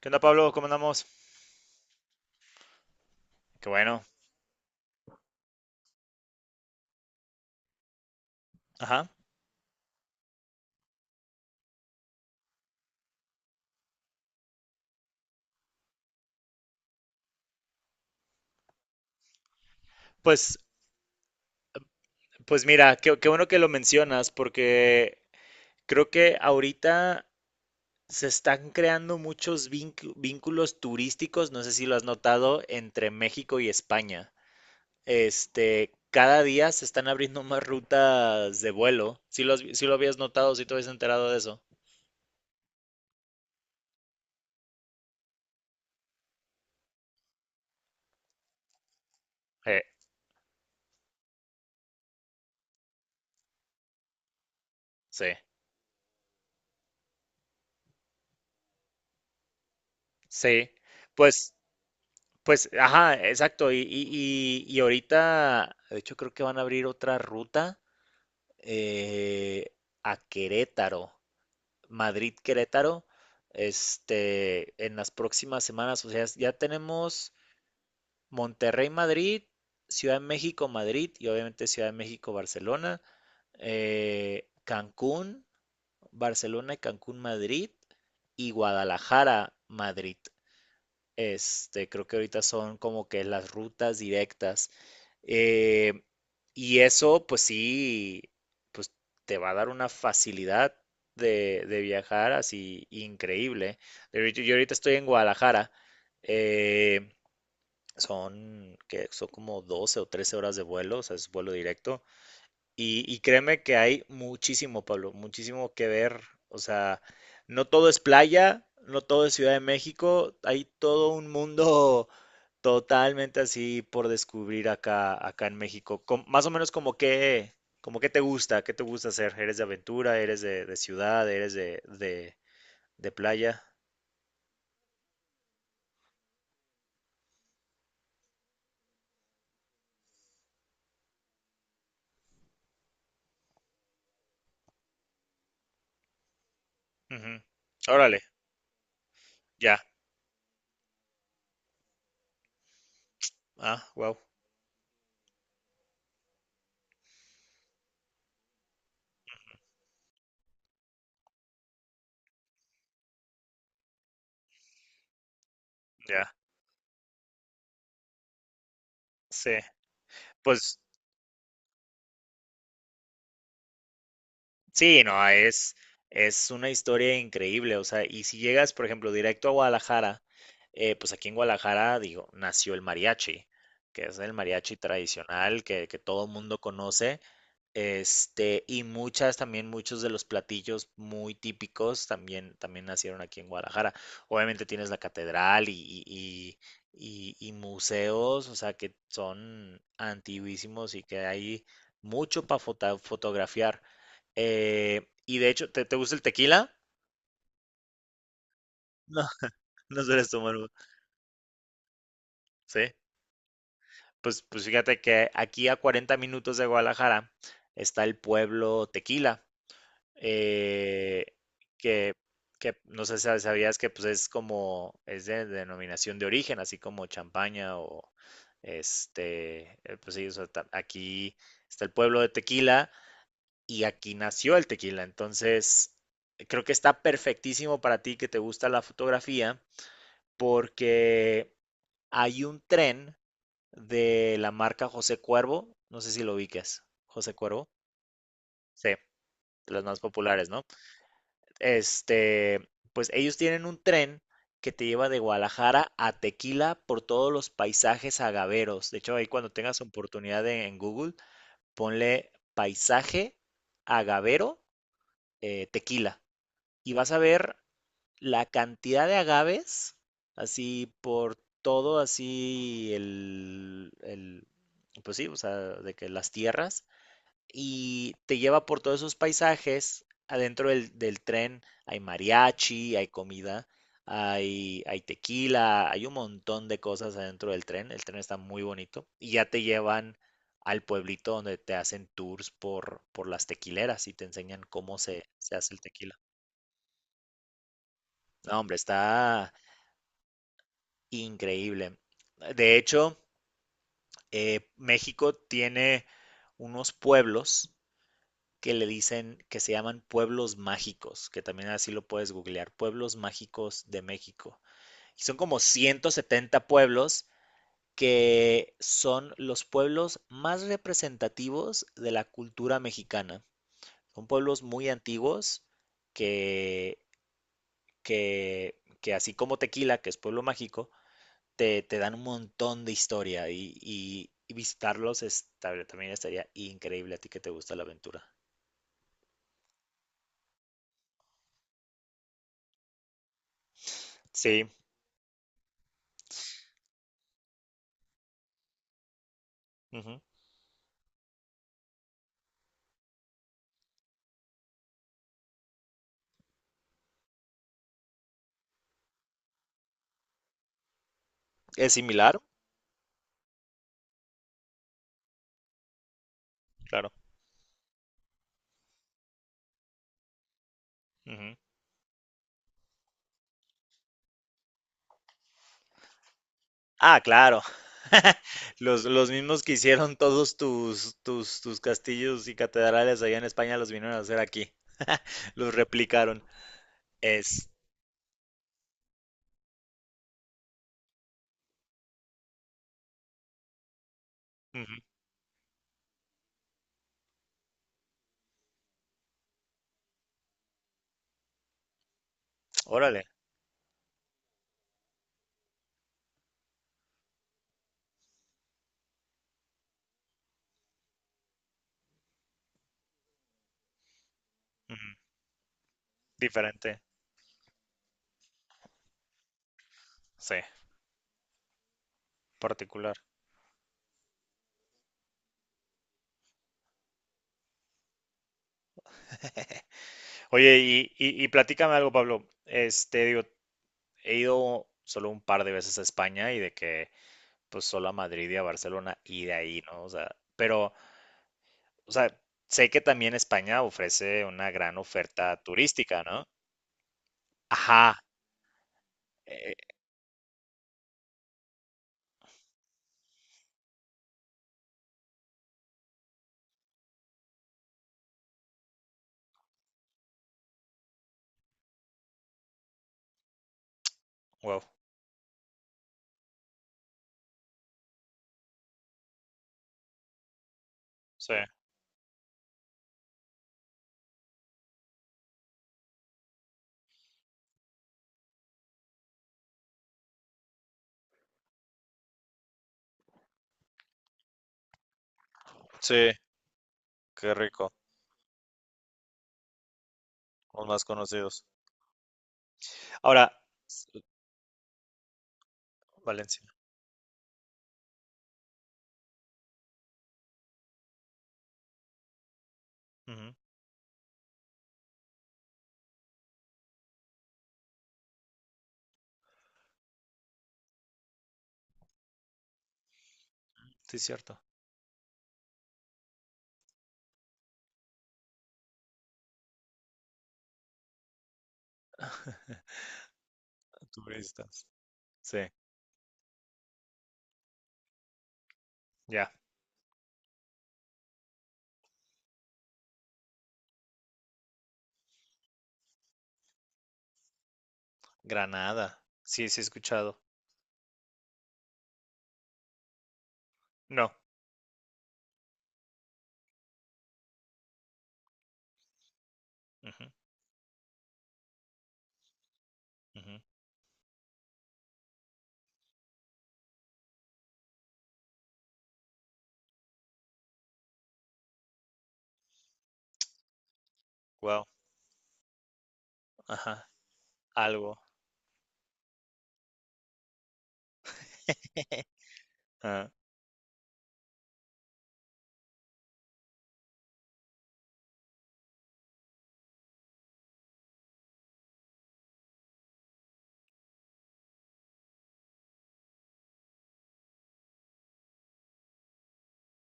¿Qué onda, Pablo? ¿Cómo andamos? Qué bueno. Ajá. Pues, pues mira, qué bueno que lo mencionas, porque creo que ahorita se están creando muchos vínculos turísticos, no sé si lo has notado, entre México y España. Cada día se están abriendo más rutas de vuelo. Si lo, has vi- sí lo habías notado, si te habías enterado de eso. Eh, sí. Sí, pues, pues, ajá, exacto. Y ahorita, de hecho, creo que van a abrir otra ruta eh, a Querétaro, Madrid-Querétaro, en las próximas semanas. O sea, ya tenemos Monterrey-Madrid, Ciudad de México-Madrid y obviamente Ciudad de México-Barcelona, Cancún, Barcelona y Cancún-Madrid y Guadalajara-Madrid. Creo que ahorita son como que las rutas directas. eh, y eso, pues sí, pues te va a dar una facilidad de viajar así increíble. De hecho, yo ahorita estoy en Guadalajara. eh, que son como 12 o 13 horas de vuelo, o sea, es vuelo directo. Y créeme que hay muchísimo, Pablo, muchísimo que ver. O sea, no todo es playa, no todo es Ciudad de México, hay todo un mundo totalmente así por descubrir acá, acá en México. Más o menos como que te gusta, qué te gusta hacer. ¿Eres de aventura? ¿Eres de ciudad? ¿Eres de playa? Ujú. Órale, ya. Ah, wow, ya. Sí. Pues sí, no, es una historia increíble, o sea, y si llegas, por ejemplo, directo a Guadalajara, pues aquí en Guadalajara, digo, nació el mariachi, que es el mariachi tradicional que todo mundo conoce, y muchas también, muchos de los platillos muy típicos también, también nacieron aquí en Guadalajara. Obviamente tienes la catedral y, y- y museos, o sea, que son antiguísimos y que hay mucho para fotografiar. Y de hecho, ¿te gusta el tequila? No, no sueles tomar. Sí. Pues, pues fíjate que aquí a 40 minutos de Guadalajara está el pueblo Tequila. eh, que, que no sé si sabías que pues es como, es de denominación de origen, así como champaña o pues sí, o sea, aquí está el pueblo de Tequila y aquí nació el tequila, entonces creo que está perfectísimo para ti que te gusta la fotografía porque hay un tren de la marca José Cuervo, no sé si lo ubicas, José Cuervo, sí, de las más populares, ¿no? Este, pues ellos tienen un tren que te lleva de Guadalajara a Tequila por todos los paisajes agaveros. De hecho, ahí cuando tengas oportunidad en Google, ponle paisaje agavero Tequila y vas a ver la cantidad de agaves así por todo así el pues sí, o sea, de que las tierras y te lleva por todos esos paisajes. Adentro del tren hay mariachi, hay comida, hay tequila, hay un montón de cosas adentro del tren. El tren está muy bonito y ya te llevan al pueblito donde te hacen tours por las tequileras y te enseñan cómo se hace el tequila. No, hombre, está increíble. De hecho, México tiene unos pueblos que le dicen que se llaman pueblos mágicos, que también así lo puedes googlear, pueblos mágicos de México. Y son como 170 pueblos que son los pueblos más representativos de la cultura mexicana. Son pueblos muy antiguos que, que así como Tequila, que es pueblo mágico, te dan un montón de historia y visitarlos también estaría increíble a ti que te gusta la aventura. Sí, ujú. Es similar, claro. Ujú. Ah, claro. Los mismos que hicieron todos tus, tus castillos y catedrales allá en España los vinieron a hacer aquí. Los replicaron. Es. Ujú, órale. Ujú, diferente. Sí, particular. Oye, y platícame algo, Pablo. Este, digo, he ido solo un par de veces a España y de que, pues, solo a Madrid y a Barcelona y de ahí, ¿no? O sea, pero, o sea, sé que también España ofrece una gran oferta turística, ¿no? Ajá, eh, wow, sí, sí, qué rico, los más conocidos. Ahora, s- Valencia, ujú, sí, cierto, turistas, sí, ya, Granada, sí, sí he escuchado, no, ujú, ujú. Wow, ajá, algo, ah,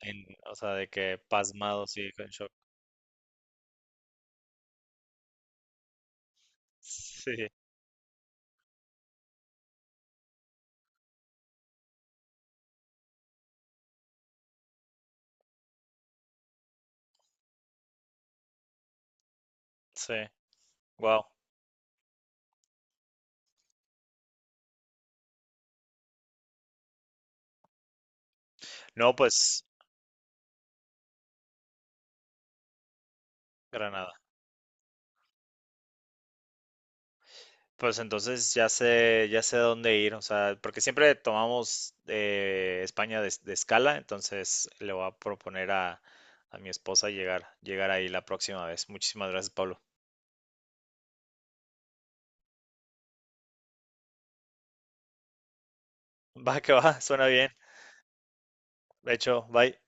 o sea, de que pasmado, sí, con shock, sí, sí, wow, no, pues, Granada, pues entonces ya sé dónde ir, o sea, porque siempre tomamos España de escala, entonces le voy a proponer a mi esposa llegar, llegar ahí la próxima vez. Muchísimas gracias, Pablo. Va que va, suena bien. De hecho, bye.